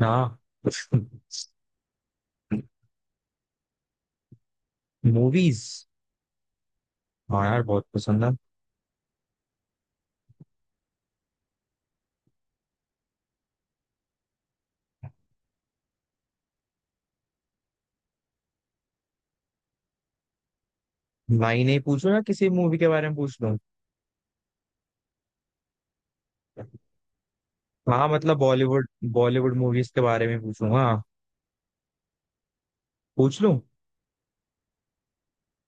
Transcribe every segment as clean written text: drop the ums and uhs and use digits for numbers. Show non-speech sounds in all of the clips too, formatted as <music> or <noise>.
हाँ। <laughs> मूवीज? हाँ यार, बहुत पसंद है। नहीं नहीं, पूछो या किसी मूवी के बारे में पूछ लूं? हाँ, मतलब बॉलीवुड बॉलीवुड मूवीज के बारे में पूछूं? हाँ, पूछ लूं?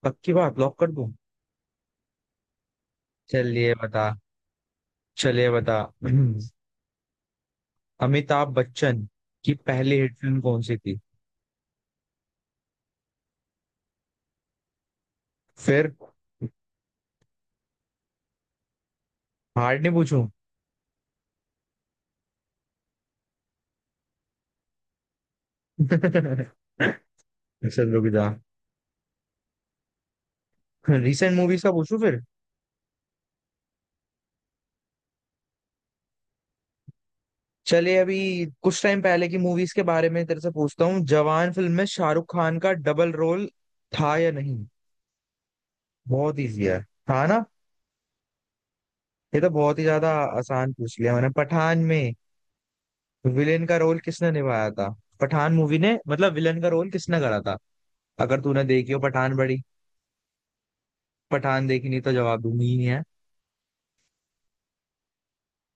पक्की बात, लॉक कर दूं। चलिए बता। चलिए बता। <clears throat> अमिताभ बच्चन की पहली हिट फिल्म कौन सी थी? फिर हार्ड नहीं पूछूं? <laughs> चलो, रुक जा। रिसेंट मूवीज का पूछूं फिर। चलिए, अभी कुछ टाइम पहले की मूवीज के बारे में तेरे से पूछता हूँ। जवान फिल्म में शाहरुख खान का डबल रोल था या नहीं? बहुत इजी है। था ना? ये तो बहुत ही ज्यादा आसान पूछ लिया मैंने। पठान में विलेन का रोल किसने निभाया था? पठान मूवी ने, मतलब विलेन का रोल किसने करा था, अगर तूने देखी हो पठान? बड़ी। पठान देखी नहीं तो जवाब दूंगी ही नहीं है।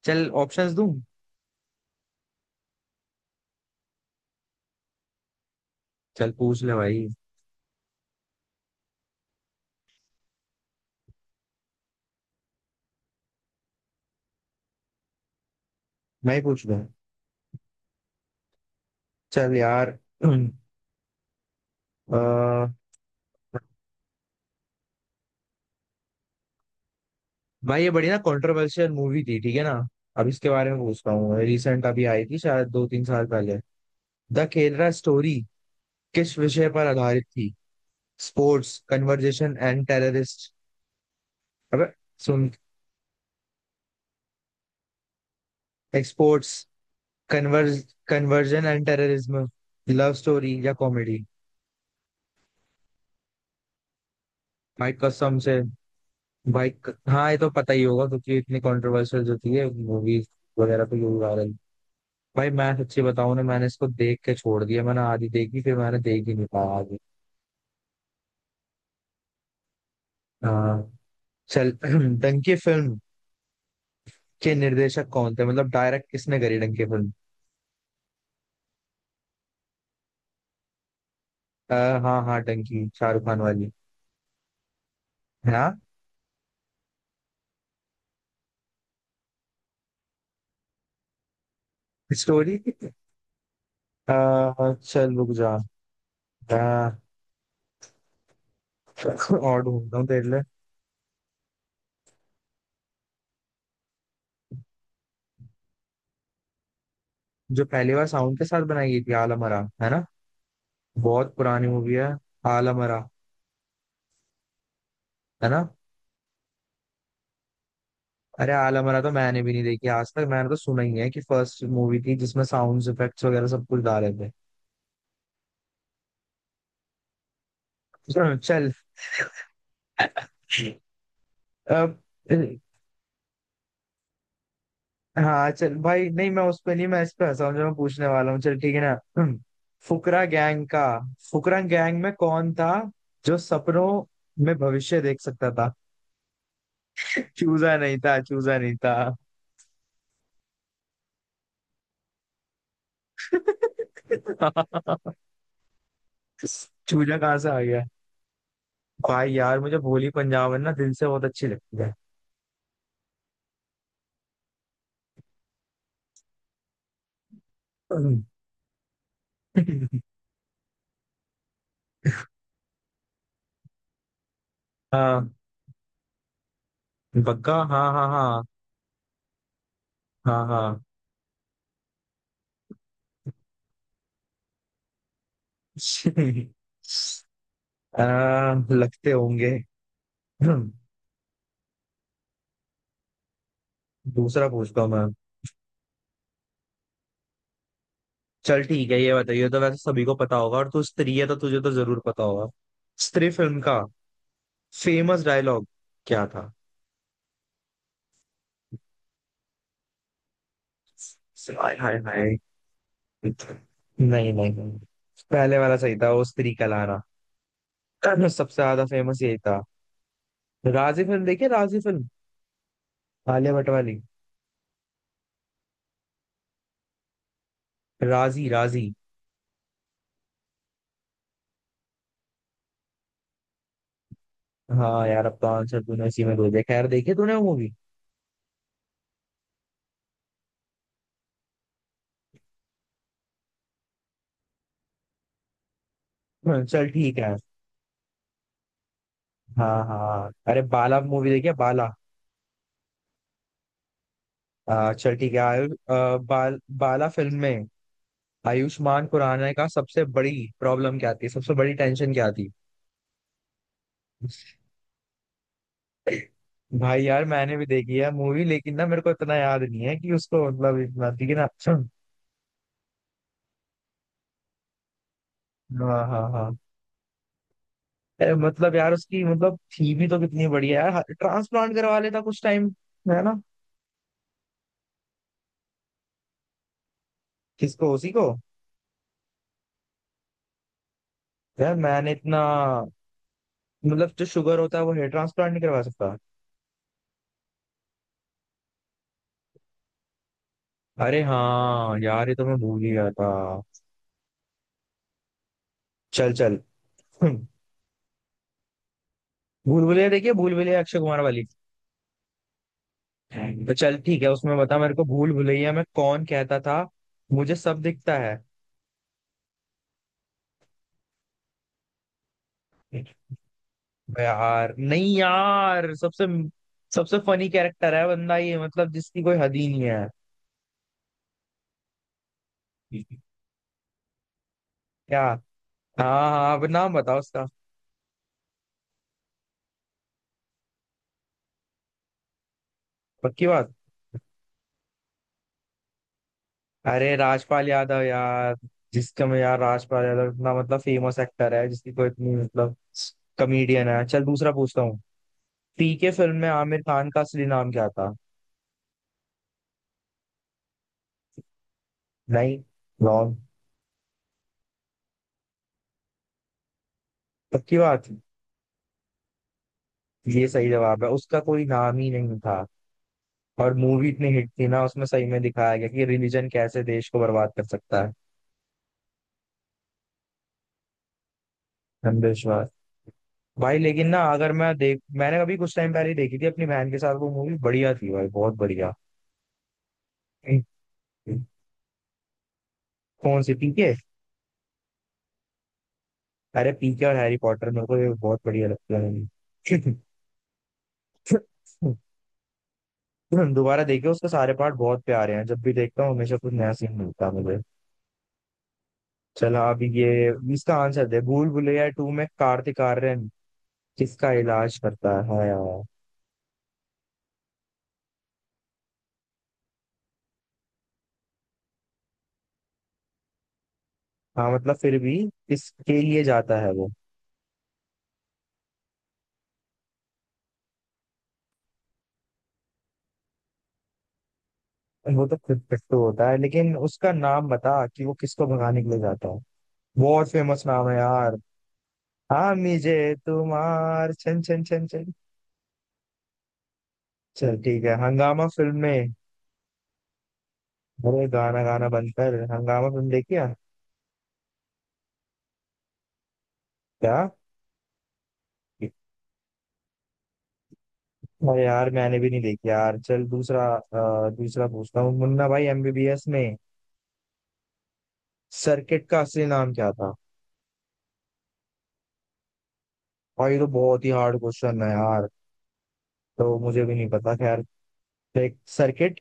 चल, ऑप्शंस दूं? चल पूछ ले भाई। मैं ही पूछ लूं? चल यार। <clears throat> अ, भाई ये बड़ी ना कंट्रोवर्शियल मूवी थी, ठीक है ना? अब इसके बारे में पूछता हूँ, रिसेंट अभी आई थी, शायद दो तीन साल पहले। द केरला स्टोरी किस विषय पर आधारित थी? Sports, conversation and terrorist? अबे सुन। Exports, converge conversion and terrorism, love story या कॉमेडी? भाई कसम से, हाँ ये तो पता ही होगा क्योंकि इतनी कंट्रोवर्शियल जो थी मूवीज वगैरह पे यूज आ रही। भाई मैं सच्ची बताऊं ना, मैंने इसको देख के छोड़ दिया, मैंने आधी देखी, फिर मैंने देख ही नहीं पाया। हाँ चल। <clears throat> डंकी फिल्म के निर्देशक कौन थे, मतलब डायरेक्ट किसने करी डंकी फिल्म? हाँ हाँ, डंकी शाहरुख खान वाली, है ना? स्टोरी। आ, चल रुक जा। आ, और ढूंढता हूँ तेरे लिए। जो पहली बार साउंड के साथ बनाई गई थी, आलमरा, है ना? बहुत पुरानी मूवी है। आलमरा। है ना? अरे आलमरा तो मैंने भी नहीं देखी आज तक, मैंने तो सुना ही है कि फर्स्ट मूवी थी जिसमें साउंड इफेक्ट्स वगैरह सब कुछ डाले थे। <clears throat> चल, अब हाँ चल भाई, नहीं मैं उस पे नहीं, मैं इस पे हंसा हूँ जो मैं पूछने वाला हूँ। चल ठीक है ना। हम्म, फुकरा गैंग का, फुकरा गैंग में कौन था जो सपनों में भविष्य देख सकता था? <laughs> चूजा नहीं था, चूजा नहीं था। <laughs> चूजा कहाँ से आ गया? भाई यार, मुझे भोली पंजाबन ना दिल से बहुत अच्छी लगती है। <laughs> हाँ, बग्गा, हाँ हाँ हाँ। हाँ हाँ। <laughs> लगते होंगे। <clears throat> दूसरा पूछता हूँ मैं। चल ठीक है, ये बताइए तो, वैसे सभी को पता होगा, और तू स्त्री है तो तुझे तो जरूर पता होगा। स्त्री फिल्म का फेमस डायलॉग क्या था? हाय हाय हाय। नहीं। नहीं नहीं, पहले वाला सही था, वो स्त्री का लाना। <clears throat> सबसे ज्यादा फेमस यही था। राजी फिल्म देखिए, राजी फिल्म। आलिया भट्ट वाली। राजी, राजी। हाँ यार, अब तो आंसर तूने इसी में दे दिया, खैर देखी तूने वो मूवी? <clears throat> चल ठीक है। हाँ हाँ, अरे बाला मूवी देखी है, बाला? चल ठीक है। आ, आ, बाल, बाला फिल्म में आयुष्मान खुराना का सबसे बड़ी प्रॉब्लम क्या थी, सबसे बड़ी टेंशन क्या थी? भाई यार मैंने भी देखी है मूवी, लेकिन ना मेरे को इतना याद नहीं है कि उसको मतलब इतना, ठीक है ना? हाँ हाँ हाँ। अरे मतलब यार, उसकी मतलब थी भी तो कितनी बढ़िया यार, ट्रांसप्लांट करवा लेता कुछ टाइम, है ना? किसको, उसी को? यार मैंने इतना, मतलब जो शुगर होता है वो हेयर ट्रांसप्लांट नहीं करवा सकता? अरे हाँ यार, ये तो मैं भूल ही गया था। चल चल <laughs> भूल भुलैया देखिए, भूल भुलैया अक्षय कुमार वाली। हम्म। तो चल ठीक है, उसमें बता मेरे को, भूल भुलैया में कौन कहता था मुझे सब दिखता है? यार नहीं यार, सबसे सबसे फनी कैरेक्टर है बंदा ये, मतलब जिसकी कोई हद ही नहीं है। क्या? हाँ हाँ, अब नाम बताओ उसका। पक्की बात। अरे राजपाल यादव यार, जिसका मैं यार, राजपाल यादव इतना मतलब फेमस एक्टर है, जिसकी कोई इतनी मतलब, कॉमेडियन है। चल दूसरा पूछता हूँ। पीके फिल्म में आमिर खान का असली नाम क्या था? नहीं, रॉन्ग। पक्की बात। ये सही जवाब है, उसका कोई नाम ही नहीं था। और मूवी इतनी हिट थी ना, उसमें सही में दिखाया गया कि रिलीजन कैसे देश को बर्बाद कर सकता है। अंधविश्वास। भाई लेकिन ना, अगर मैं देख, मैंने अभी कुछ टाइम पहले ही देखी थी अपनी बहन के साथ वो मूवी, बढ़िया थी भाई, बहुत बढ़िया। कौन सी, पीके? अरे पीके और हैरी पॉटर, मेरे को ये बहुत बढ़िया लगता है। <laughs> दोबारा देखे उसके सारे पार्ट, बहुत प्यारे हैं, जब भी देखता हूँ हमेशा कुछ नया सीन मिलता है मुझे। चलो अब ये, इसका आंसर दे, भूल भुलैया टू में कार्तिक आर्यन किसका इलाज करता है? हाँ मतलब फिर भी, किसके लिए जाता है वो? वो तो फिर पिट्टू होता है, लेकिन उसका नाम बता कि वो किसको भगाने के लिए जाता है? बहुत फेमस नाम है यार। हाँ, मुझे तुम्हार छन छन छन छन। चल ठीक है, हंगामा फिल्म में। अरे गाना गाना बंद कर, हंगामा फिल्म देखी है? क्या? अरे यार मैंने भी नहीं देखी यार, चल दूसरा पूछता हूँ। मुन्ना भाई एमबीबीएस में सर्किट का असली नाम क्या था? और ये तो बहुत ही हार्ड क्वेश्चन है यार, तो मुझे भी नहीं पता, खैर। देख, सर्किट,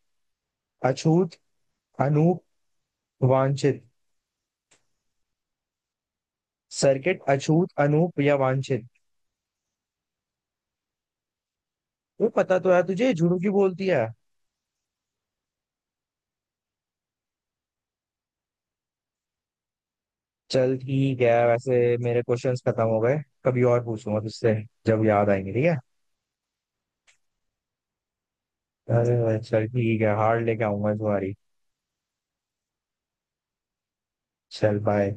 अछूत, अनूप, वांछित। सर्किट, अछूत, अनूप या वांछित? ये पता तो यार तुझे झुड़ू की बोलती है। चल ठीक है, वैसे मेरे क्वेश्चंस खत्म हो गए। कभी और पूछूंगा तुझसे, जब याद आएंगे, ठीक है? अरे भाई, चल ठीक है, हार्ड लेके आऊंगा इस बारी। चल बाय।